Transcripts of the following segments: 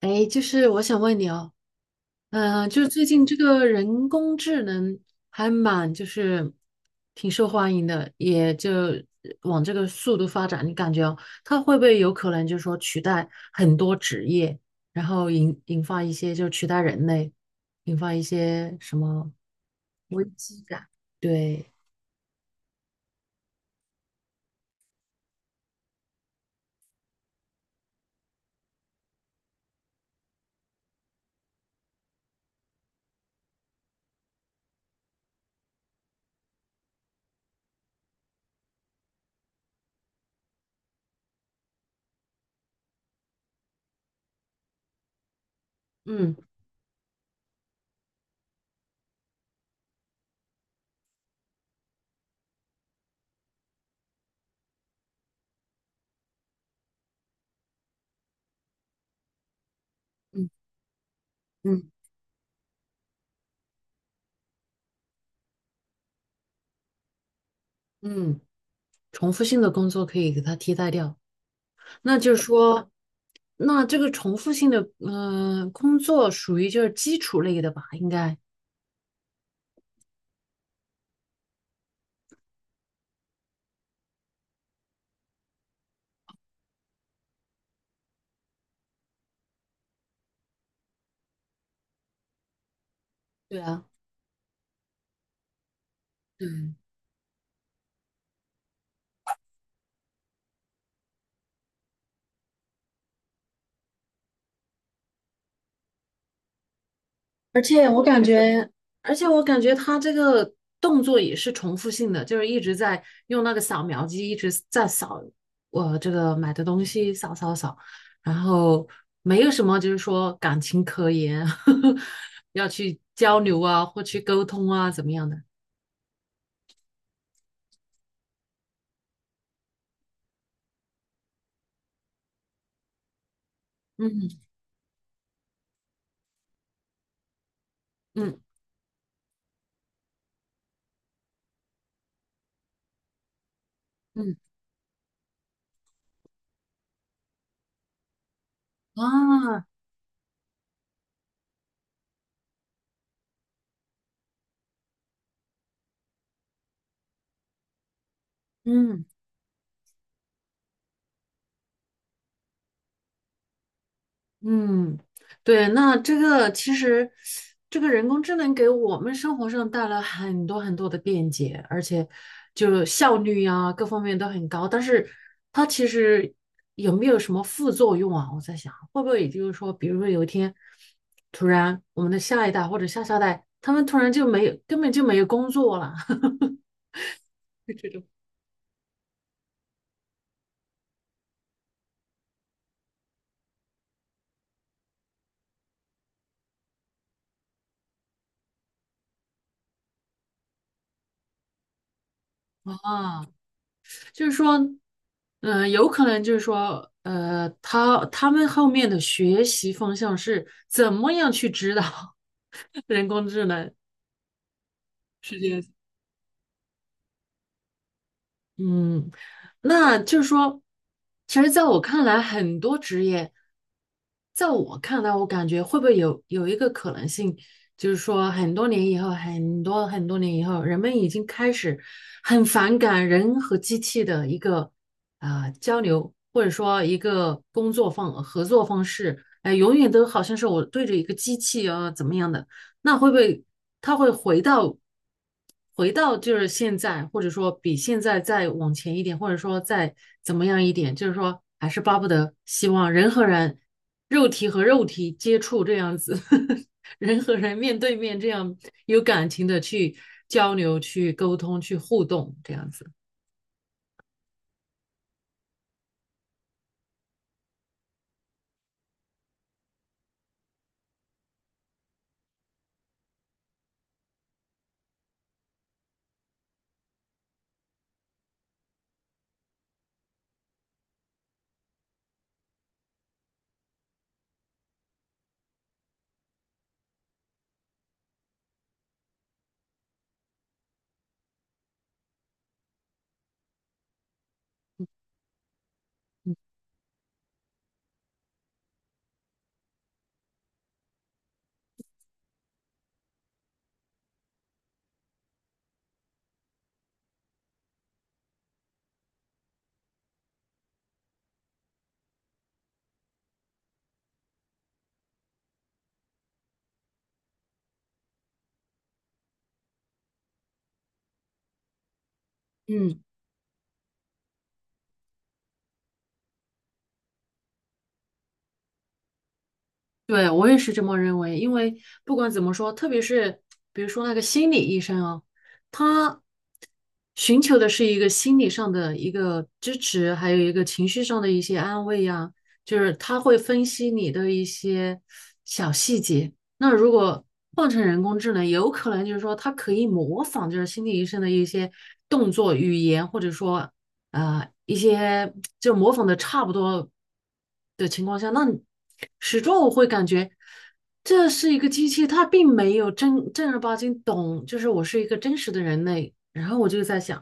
哎，就是我想问你哦，就是最近这个人工智能还蛮挺受欢迎的，也就往这个速度发展，你感觉哦，它会不会有可能就是说取代很多职业，然后引发一些就取代人类，引发一些什么危机感？对，嗯嗯嗯嗯，重复性的工作可以给它替代掉。那就是说，那这个重复性的工作属于就是基础类的吧，应该。对啊，嗯。而且我感觉，而且我感觉他这个动作也是重复性的，就是一直在用那个扫描机一直在扫我这个买的东西，扫扫扫，然后没有什么就是说感情可言，要去交流啊，或去沟通啊，怎么样的？嗯嗯嗯啊，嗯。嗯，对，那这个其实，这个人工智能给我们生活上带来很多很多的便捷，而且就效率呀，各方面都很高。但是它其实有没有什么副作用啊？我在想，会不会也就是说，比如说有一天，突然我们的下一代或者下下代，他们突然就没有，根本就没有工作了，这种啊。就是说，有可能就是说，他们后面的学习方向是怎么样去指导 人工智能？世界？嗯，那就是说，其实在我看来，很多职业，在我看来，我感觉会不会有一个可能性，就是说，很多年以后，很多很多年以后，人们已经开始很反感人和机器的一个交流，或者说一个工作方合作方式，哎、永远都好像是我对着一个机器啊怎么样的。那会不会他会回到就是现在，或者说比现在再往前一点，或者说再怎么样一点，就是说还是巴不得希望人和人、肉体和肉体接触这样子，呵呵人和人面对面这样有感情的去交流、去沟通、去互动这样子。嗯嗯，对，我也是这么认为，因为不管怎么说，特别是比如说那个心理医生啊，他寻求的是一个心理上的一个支持，还有一个情绪上的一些安慰呀，就是他会分析你的一些小细节。那如果换成人工智能，有可能就是说它可以模仿，就是心理医生的一些动作、语言，或者说一些就模仿的差不多的情况下，那你始终我会感觉这是一个机器，它并没有正正儿八经懂，就是我是一个真实的人类。然后我就在想，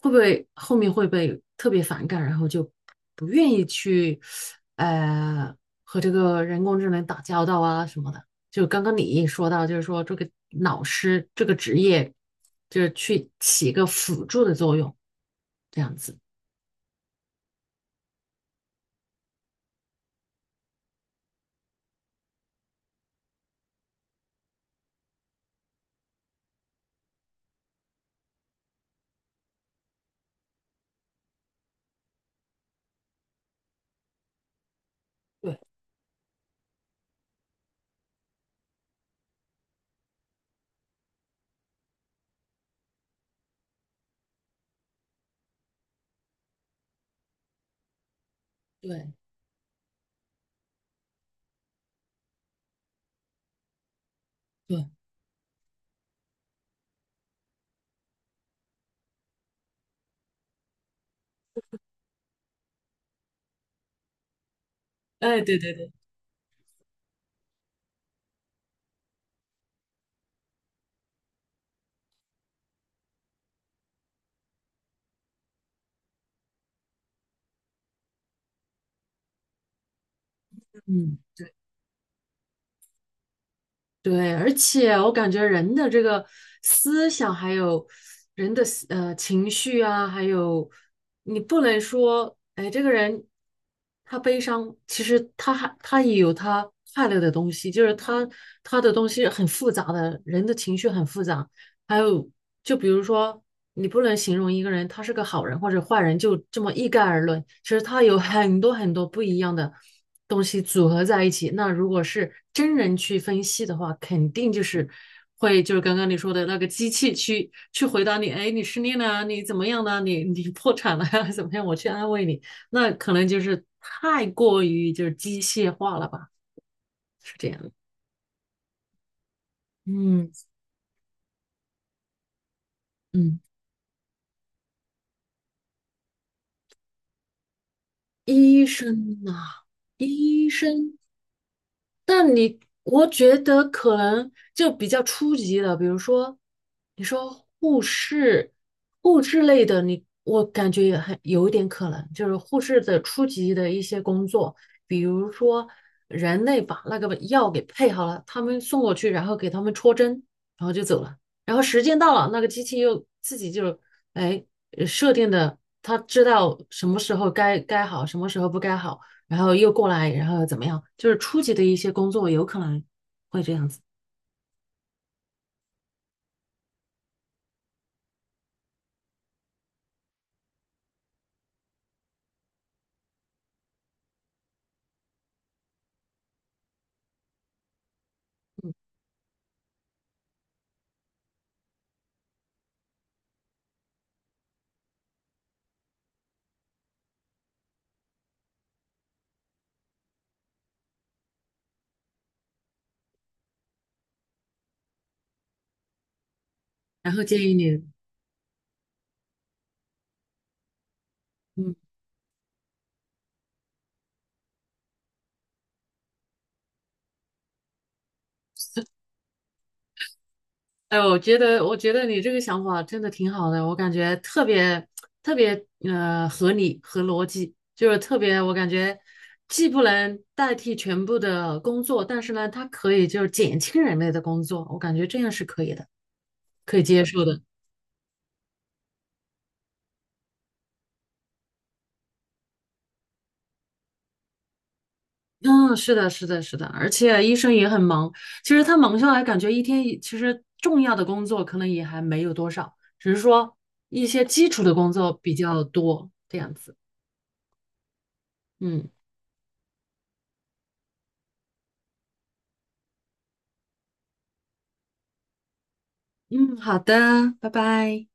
会不会后面会被特别反感，然后就不愿意去呃和这个人工智能打交道啊什么的。就刚刚你毅说到，就是说这个老师这个职业，就是去起一个辅助的作用，这样子。对对对，哎，对对对，嗯，对，对，而且我感觉人的这个思想，还有人的情绪啊，还有你不能说，哎，这个人他悲伤，其实他也有他快乐的东西，就是他的东西很复杂的，人的情绪很复杂。还有，就比如说，你不能形容一个人他是个好人或者坏人，就这么一概而论。其实他有很多很多不一样的东西组合在一起。那如果是真人去分析的话，肯定就是会就是刚刚你说的那个机器去回答你，哎，你失恋了啊你怎么样了啊你破产了呀，怎么样？我去安慰你，那可能就是太过于就是机械化了吧，是这样的嗯嗯，医生呐、医生。但你，我觉得可能就比较初级的，比如说，你说护士、护士类的你，我感觉也很有一点可能，就是护士的初级的一些工作，比如说人类把那个药给配好了，他们送过去，然后给他们戳针，然后就走了，然后时间到了，那个机器又自己就哎设定的，它知道什么时候该该好，什么时候不该好。然后又过来，然后怎么样？就是初级的一些工作有可能会这样子。然后建议你，嗯，哎，我觉得，我觉得你这个想法真的挺好的，我感觉特别合理和逻辑，就是特别我感觉既不能代替全部的工作，但是呢，它可以就是减轻人类的工作，我感觉这样是可以的，可以接受的。嗯，是的，是的，是的，而且医生也很忙。其实他忙下来，感觉一天其实重要的工作可能也还没有多少，只是说一些基础的工作比较多，这样子。嗯嗯，好的，拜拜。